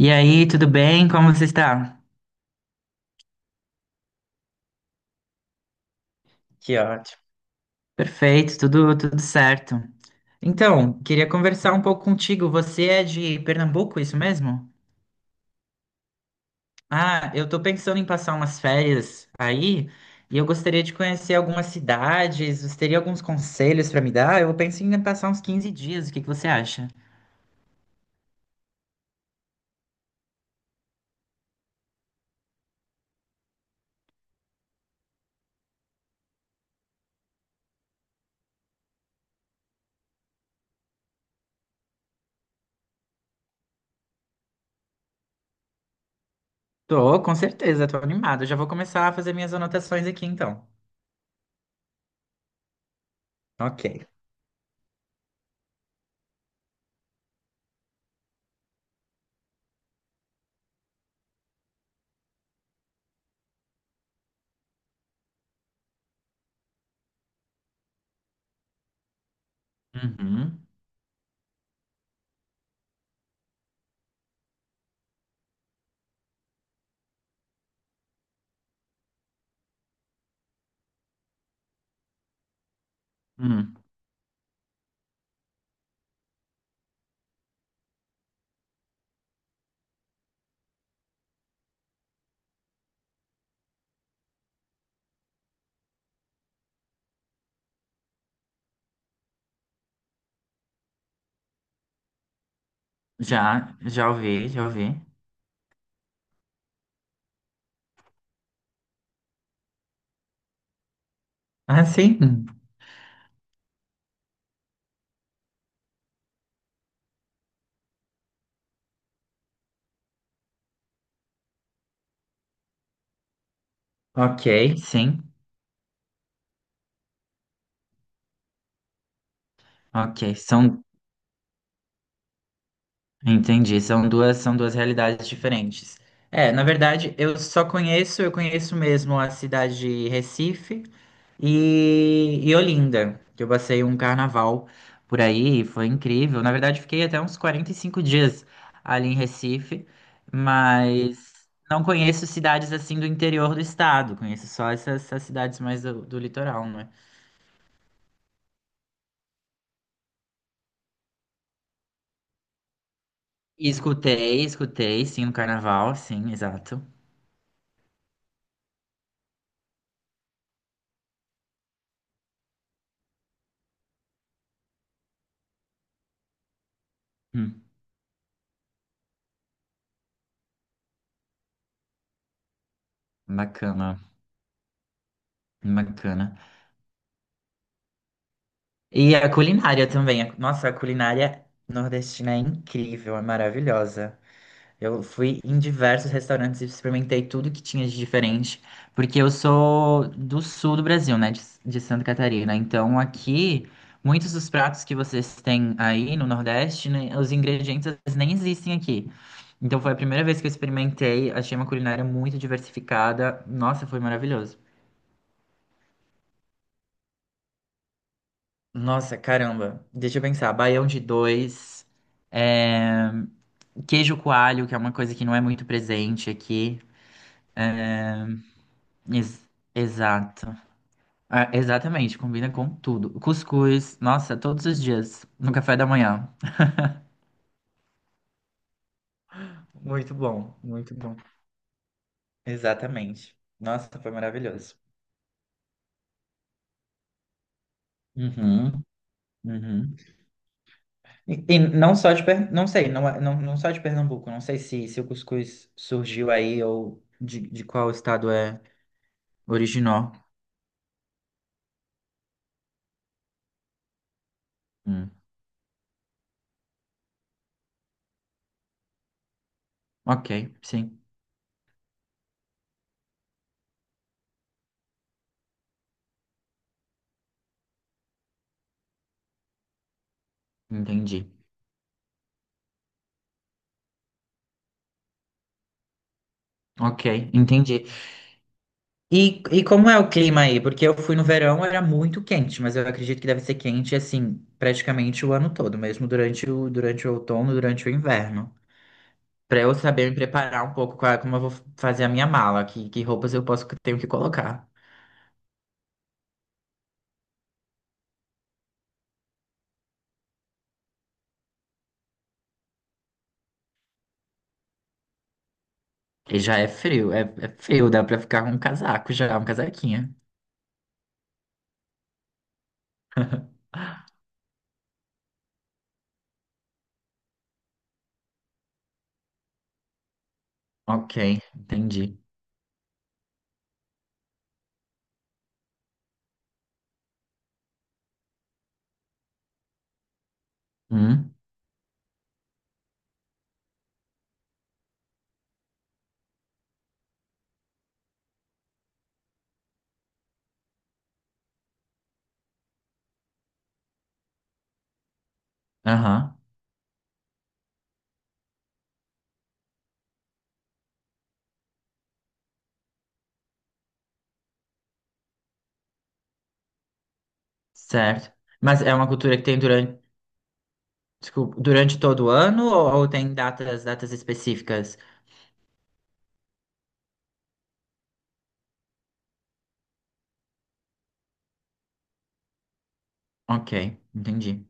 E aí, tudo bem? Como você está? Que ótimo. Perfeito, tudo certo. Então, queria conversar um pouco contigo. Você é de Pernambuco, isso mesmo? Ah, eu tô pensando em passar umas férias aí e eu gostaria de conhecer algumas cidades. Você teria alguns conselhos para me dar? Eu penso em passar uns 15 dias. O que que você acha? Tô, com certeza, tô animado. Eu já vou começar a fazer minhas anotações aqui então. Ok. Uhum. Hum. Já ouvi, já ouvi. Ah, sim? Ok, sim. Ok, entendi, são duas realidades diferentes. É, na verdade, eu conheço mesmo a cidade de Recife e Olinda, que eu passei um carnaval por aí, e foi incrível. Na verdade, fiquei até uns 45 dias ali em Recife, mas não conheço cidades assim do interior do estado, conheço só essas cidades mais do litoral, né? E escutei, sim, o carnaval, sim, exato. Hum, bacana, bacana. E a culinária também. Nossa, a culinária nordestina é incrível, é maravilhosa. Eu fui em diversos restaurantes e experimentei tudo que tinha de diferente, porque eu sou do sul do Brasil, né, de Santa Catarina. Então aqui, muitos dos pratos que vocês têm aí no Nordeste, né, os ingredientes às vezes, nem existem aqui. Então foi a primeira vez que eu experimentei, achei uma culinária muito diversificada. Nossa, foi maravilhoso. Nossa, caramba. Deixa eu pensar. Baião de dois. É. Queijo coalho, que é uma coisa que não é muito presente aqui. Ex- Exato. Ah, exatamente, combina com tudo. Cuscuz, nossa, todos os dias, no café da manhã. Muito bom, muito bom. Exatamente. Nossa, foi maravilhoso. Uhum, uhum. E não só não sei, não, não, não só de Pernambuco, não sei se o cuscuz surgiu aí ou de qual estado é original. Ok, sim, entendi. Ok, entendi. E como é o clima aí? Porque eu fui no verão, era muito quente, mas eu acredito que deve ser quente assim, praticamente o ano todo, mesmo durante o, outono, durante o inverno. Pra eu saber me preparar um pouco com como eu vou fazer a minha mala, que roupas eu posso tenho que colocar. E já é frio, é frio, dá pra ficar com um casaco já, um casaquinho. Ok, entendi. Hum, aham, certo. Mas é uma cultura que tem, desculpa, durante todo o ano ou tem datas específicas? Ok, entendi.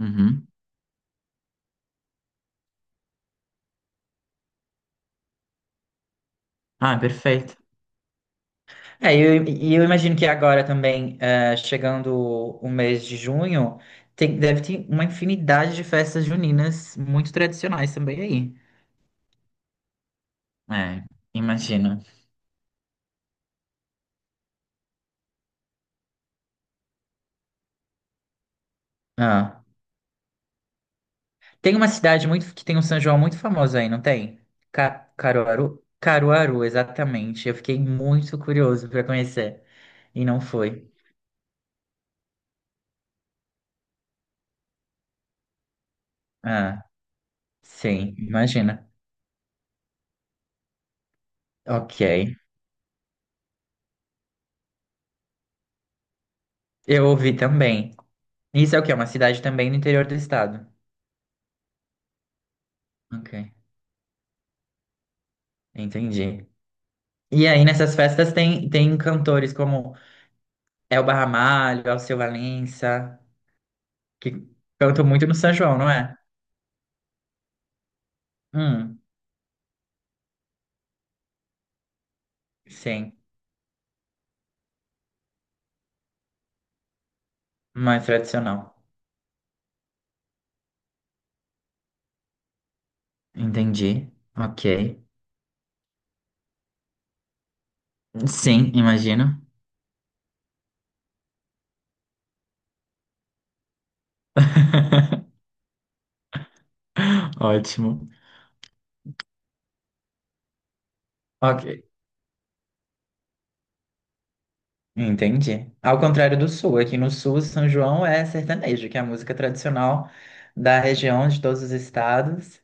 Uhum. Ah, perfeito. É, e eu imagino que agora também, chegando o mês de junho, deve ter uma infinidade de festas juninas muito tradicionais também aí. É, imagino. Ah. Tem uma cidade muito que tem um São João muito famoso aí, não tem? Caruaru? Caruaru, exatamente. Eu fiquei muito curioso para conhecer e não fui. Ah. Sim, imagina. Ok. Eu ouvi também. Isso é o quê? Uma cidade também no interior do estado. Ok, entendi. E aí nessas festas tem cantores como Elba Ramalho, Alceu Valença, que cantam muito no São João, não é? Hum, sim, mais tradicional. Entendi. Ok. Sim, imagino. Ótimo. Ok. Entendi. Ao contrário do sul, aqui no sul, São João é sertanejo, que é a música tradicional da região, de todos os estados.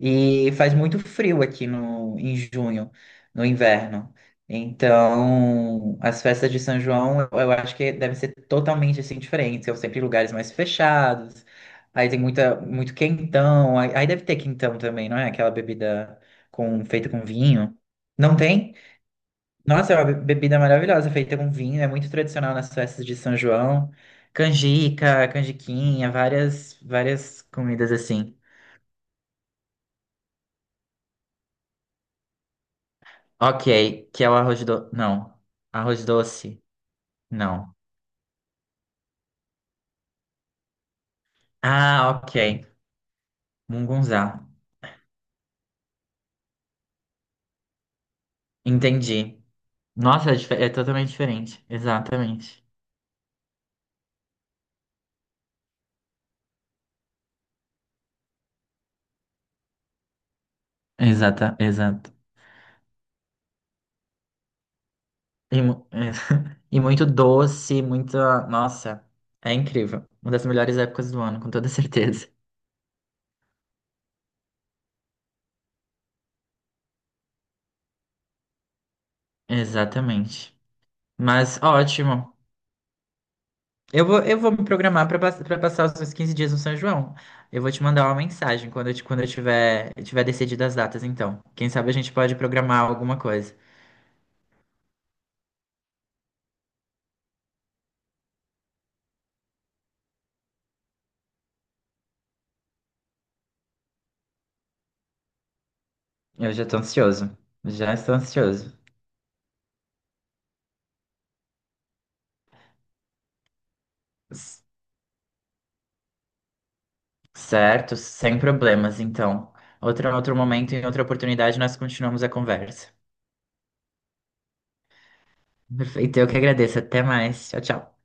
E faz muito frio aqui em junho, no inverno. Então, as festas de São João, eu acho que devem ser totalmente assim diferentes. São sempre lugares mais fechados. Aí tem muita, muito quentão. Aí deve ter quentão também, não é? Aquela bebida feita com vinho. Não tem? Nossa, é uma bebida maravilhosa, feita com vinho, é muito tradicional nas festas de São João. Canjica, canjiquinha, várias comidas assim. Ok, que é o arroz do. Não. Arroz doce? Não. Ah, ok. Mungunzá. Entendi. Nossa, é totalmente diferente. Exatamente. Exata, exato. E, muito doce, muita. Nossa, é incrível. Uma das melhores épocas do ano, com toda certeza. Exatamente. Mas ótimo. Eu vou me programar para passar os meus 15 dias no São João. Eu vou te mandar uma mensagem quando eu tiver decidido as datas, então. Quem sabe a gente pode programar alguma coisa. Eu já tô ansioso. Já estou ansioso. S- Certo, sem problemas, então. Outro momento, em outra oportunidade, nós continuamos a conversa. Perfeito, eu que agradeço. Até mais. Tchau, tchau.